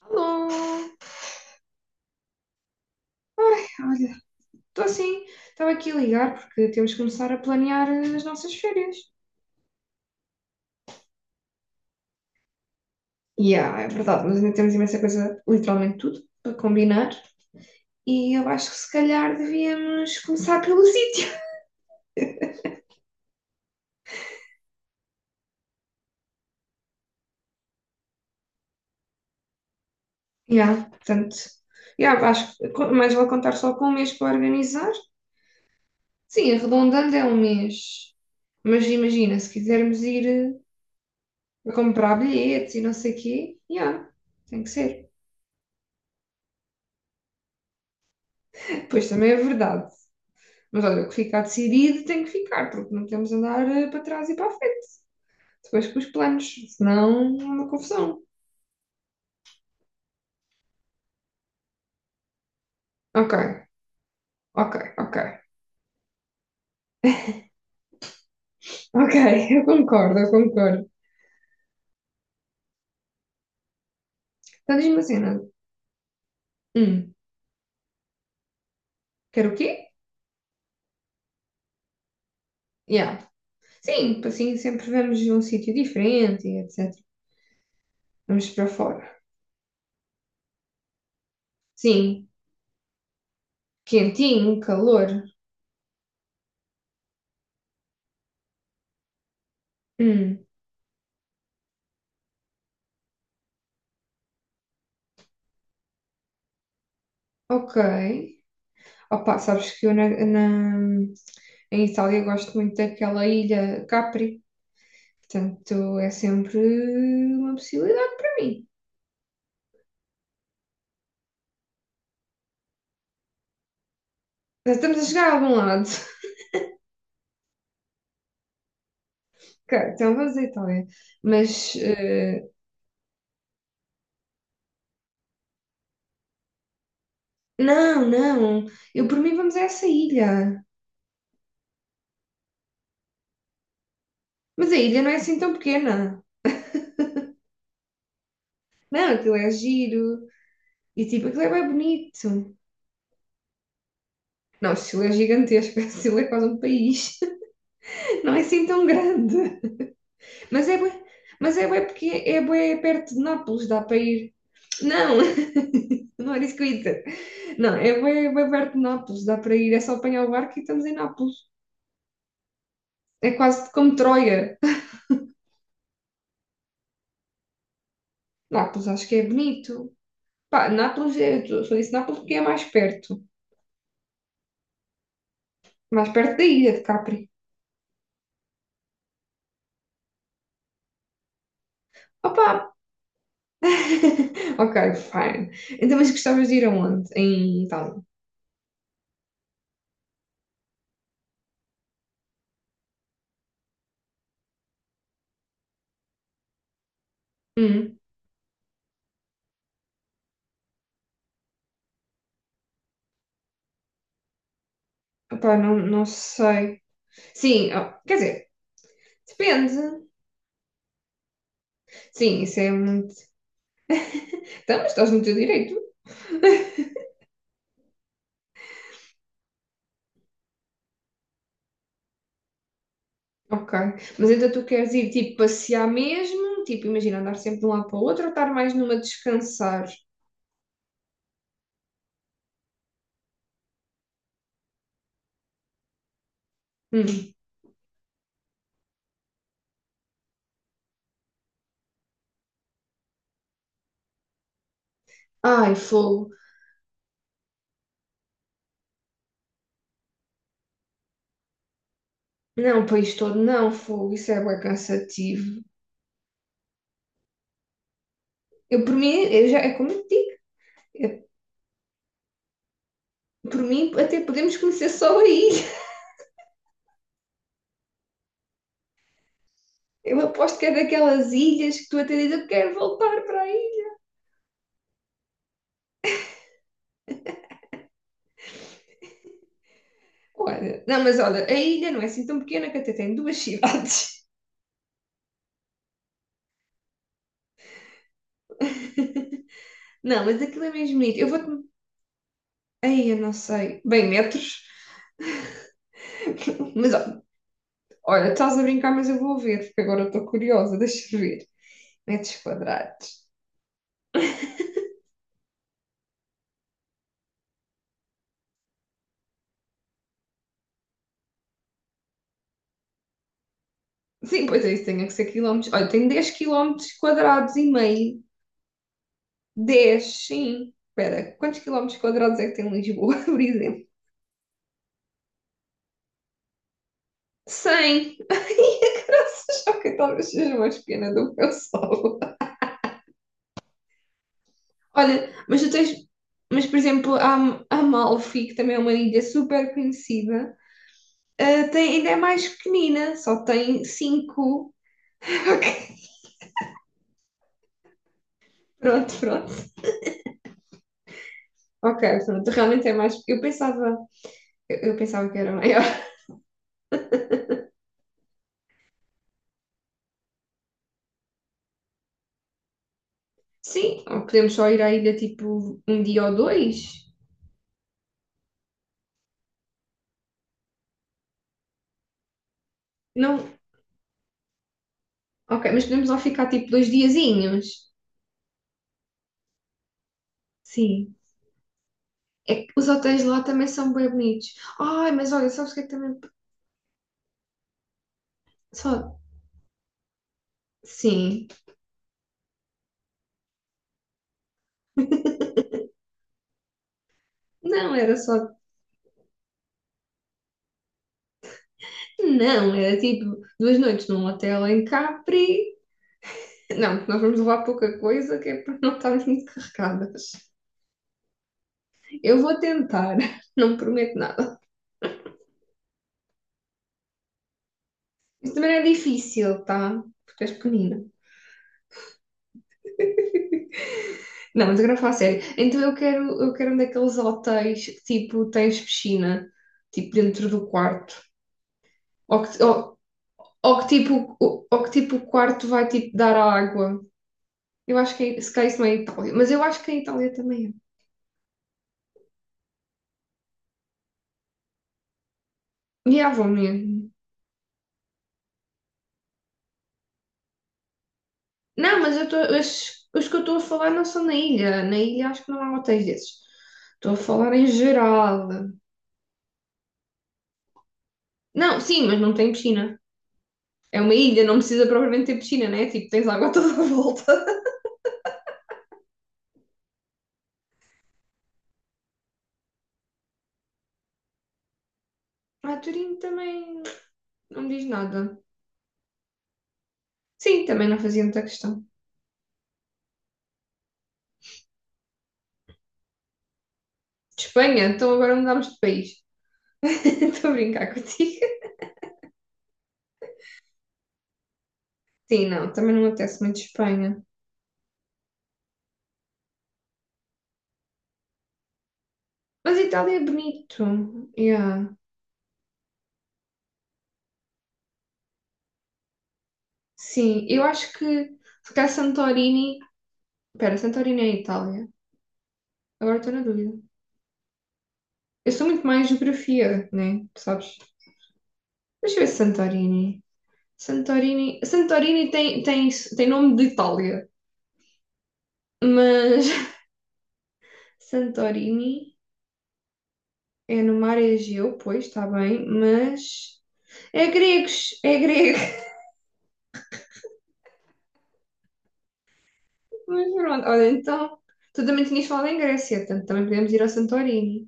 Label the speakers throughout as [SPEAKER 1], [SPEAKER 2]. [SPEAKER 1] Alô! Olha, estou assim, estava aqui a ligar porque temos que começar a planear as nossas férias. Yeah, é verdade, mas ainda temos imensa coisa, literalmente tudo, para combinar. E eu acho que se calhar devíamos começar pelo sítio. Yeah, portanto, yeah, acho que mais vale contar só com um mês para organizar. Sim, arredondando é um mês. Mas imagina, se quisermos ir a comprar bilhetes e não sei o quê, yeah, tem que ser. Pois também é verdade. Mas olha, o que ficar decidido tem que ficar, porque não podemos andar para trás e para a frente. Depois com os planos, senão é uma confusão. Ok, ok, ok. Ok, eu concordo, eu concordo. Então diz-me assim, não? Hum, quer o quê? Yeah. Sim, assim sempre vamos a um sítio diferente e etc. Vamos para fora. Sim, quentinho, calor. Hum, ok. Opa, sabes que eu em Itália gosto muito daquela ilha Capri. Portanto, é sempre uma possibilidade para mim. Já estamos a chegar a algum lado. Ok, então vamos à Itália. Mas, não, não. Eu por mim vamos a essa ilha. Mas a ilha não é assim tão pequena. Não, aquilo é giro. E tipo, aquilo é bem bonito. Não, Chile é gigantesco. Chile é quase um país. Não é assim tão grande. Mas é bué, mas é bué porque é bué perto de Nápoles, dá para ir. Não, não é isso que eu ia dizer. Não, é bem, bem perto de Nápoles, dá para ir, é só apanhar o barco e estamos em Nápoles. É quase como Troia. Nápoles acho que é bonito. Pá, Nápoles, eu só disse Nápoles porque é mais perto. Mais perto da ilha de Capri. Opa! Ok, fine. Então, mas gostavas de ir aonde? Em Itália? Hum, opá, não, não sei. Sim, ó, quer dizer, depende. Sim, isso é muito. Então, mas estás no teu direito. Ok. Mas então tu queres ir tipo passear mesmo? Tipo, imagina andar sempre de um lado para o outro ou estar mais numa descansar? Hum. Ai, fogo. Não, o país todo não, fogo. Isso é bem cansativo. Eu, por mim, eu já, é como eu te digo. é- por mim, até podemos conhecer só aí. Eu aposto que é daquelas ilhas que tu até dizes, eu quero voltar para aí. Olha, não, mas olha, a ilha não é assim tão pequena que até tem duas cidades. Não, mas aquilo é mesmo bonito. Eu vou-te. Ai, eu não sei. Bem, metros. Mas olha, estás a brincar, mas eu vou ver, porque agora estou curiosa, deixa eu ver. Metros quadrados. Sim, pois é isso, tem que ser quilómetros. Olha, tem dez quilómetros quadrados e meio. 10, sim. Espera, quantos quilómetros quadrados é que tem Lisboa, por exemplo? 100. Ai, graças a que talvez seja mais pequena do que eu sou. Olha, mas tu tens... Mas, por exemplo, a Amalfi, que também é uma ilha super conhecida, ah, tem, ainda é mais pequenina, só tem 5. Pronto, pronto. Ok, pronto, realmente é mais. Eu pensava, eu pensava que era maior. Sim, ou podemos só ir à ilha tipo um dia ou dois? Não, ok, mas podemos lá ficar tipo dois diazinhos. Sim. É que os hotéis lá também são bem bonitos. Ai, mas olha, sabes o que é que também. Só. Sim. Não, era só. Não, era tipo duas noites num hotel em Capri. Não, porque nós vamos levar pouca coisa que é para não estarmos muito carregadas. Eu vou tentar, não prometo nada. Isso também é difícil, tá? Porque és pequenina. Não, mas agora falo a sério. Então eu quero um daqueles hotéis que tipo tens piscina, tipo dentro do quarto. Ou que, ou, ou que tipo o quarto vai tipo dar à água. Eu acho que se calhar isso não é em Itália, mas eu acho que em Itália também é. E ah, vou mesmo. Não, mas eu tô, os que eu estou a falar não são na ilha. Na ilha acho que não há hotéis desses. Estou a falar em geral. Não, sim, mas não tem piscina. É uma ilha, não precisa propriamente ter piscina, né? Tipo, tens água toda a volta. Ah, Turim também não me diz nada. Sim, também não fazia muita questão. Espanha, então agora mudámos de país. Estou a brincar contigo. Sim, não, também não me apetece muito Espanha. Mas Itália é bonito. Yeah. Sim, eu acho que se calhar Santorini. Espera, Santorini é Itália. Agora estou na dúvida. Eu sou muito mais geografia, né? Tu sabes? Deixa eu ver se Santorini. Santorini. Santorini tem nome de Itália. Mas Santorini é no mar é Egeu, pois está bem, mas é gregos, é grego. Mas pronto, olha, então tu também tinhas falado em Grécia, portanto também podemos ir ao Santorini.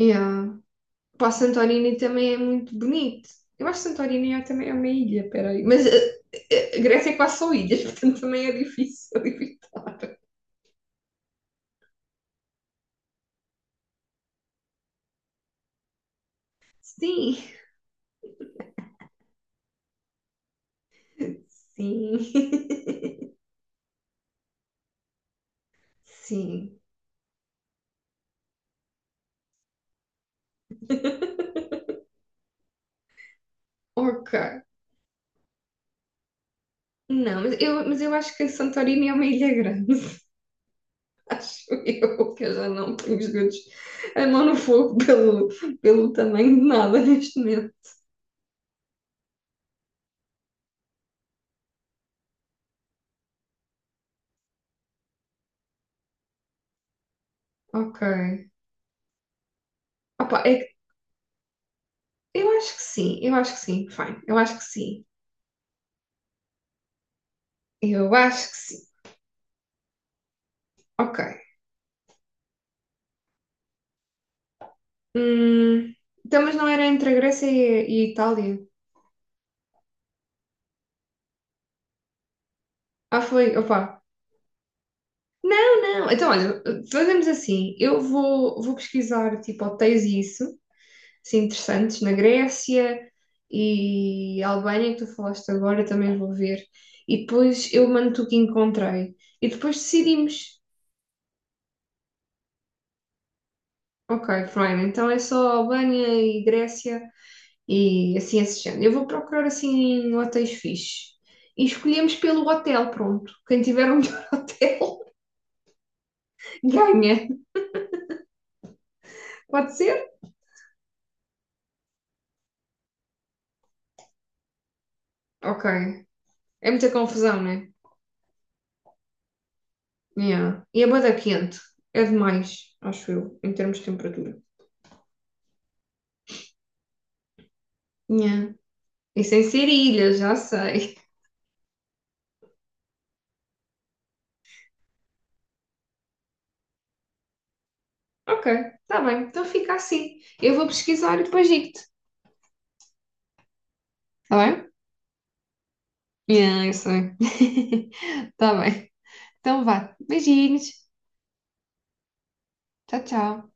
[SPEAKER 1] Yeah. Pá, Santorini também é muito bonito. Eu acho que Santorini é, também é uma ilha, peraí. Mas Grécia é quase só ilhas, portanto também é difícil evitar. Sim, sim, sim. Ok. Não, mas eu acho que Santorini é uma ilha grande. Acho eu, que eu já não tenho os dedos a mão no fogo pelo, pelo tamanho de nada neste momento. Ok. Opa, é que- eu acho que sim, eu acho que sim, fine, eu acho que sim, eu acho que sim. Ok. Hum, então, mas não era entre a Grécia e a Itália? Ah, foi, opa. Não, então olha, fazemos assim, eu vou pesquisar tipo hotéis e isso. Assim, interessantes na Grécia e a Albânia, que tu falaste agora, também vou ver. E depois eu mando-te o que encontrei. E depois decidimos. Ok, Brian, então é só Albânia e Grécia e assim esse género. Eu vou procurar assim hotéis fixes. E escolhemos pelo hotel, pronto. Quem tiver um hotel ganha. Pode ser? Ok. É muita confusão, né? Yeah. E a bada quente. É demais, acho eu, em termos de temperatura. Yeah. Isso é em Serilha, já sei. Ok, tá bem, então fica assim. Eu vou pesquisar e depois digo-te, tá bem? Yeah, eu sei. Tá bem. Então vá. Beijinhos. Tchau, tchau.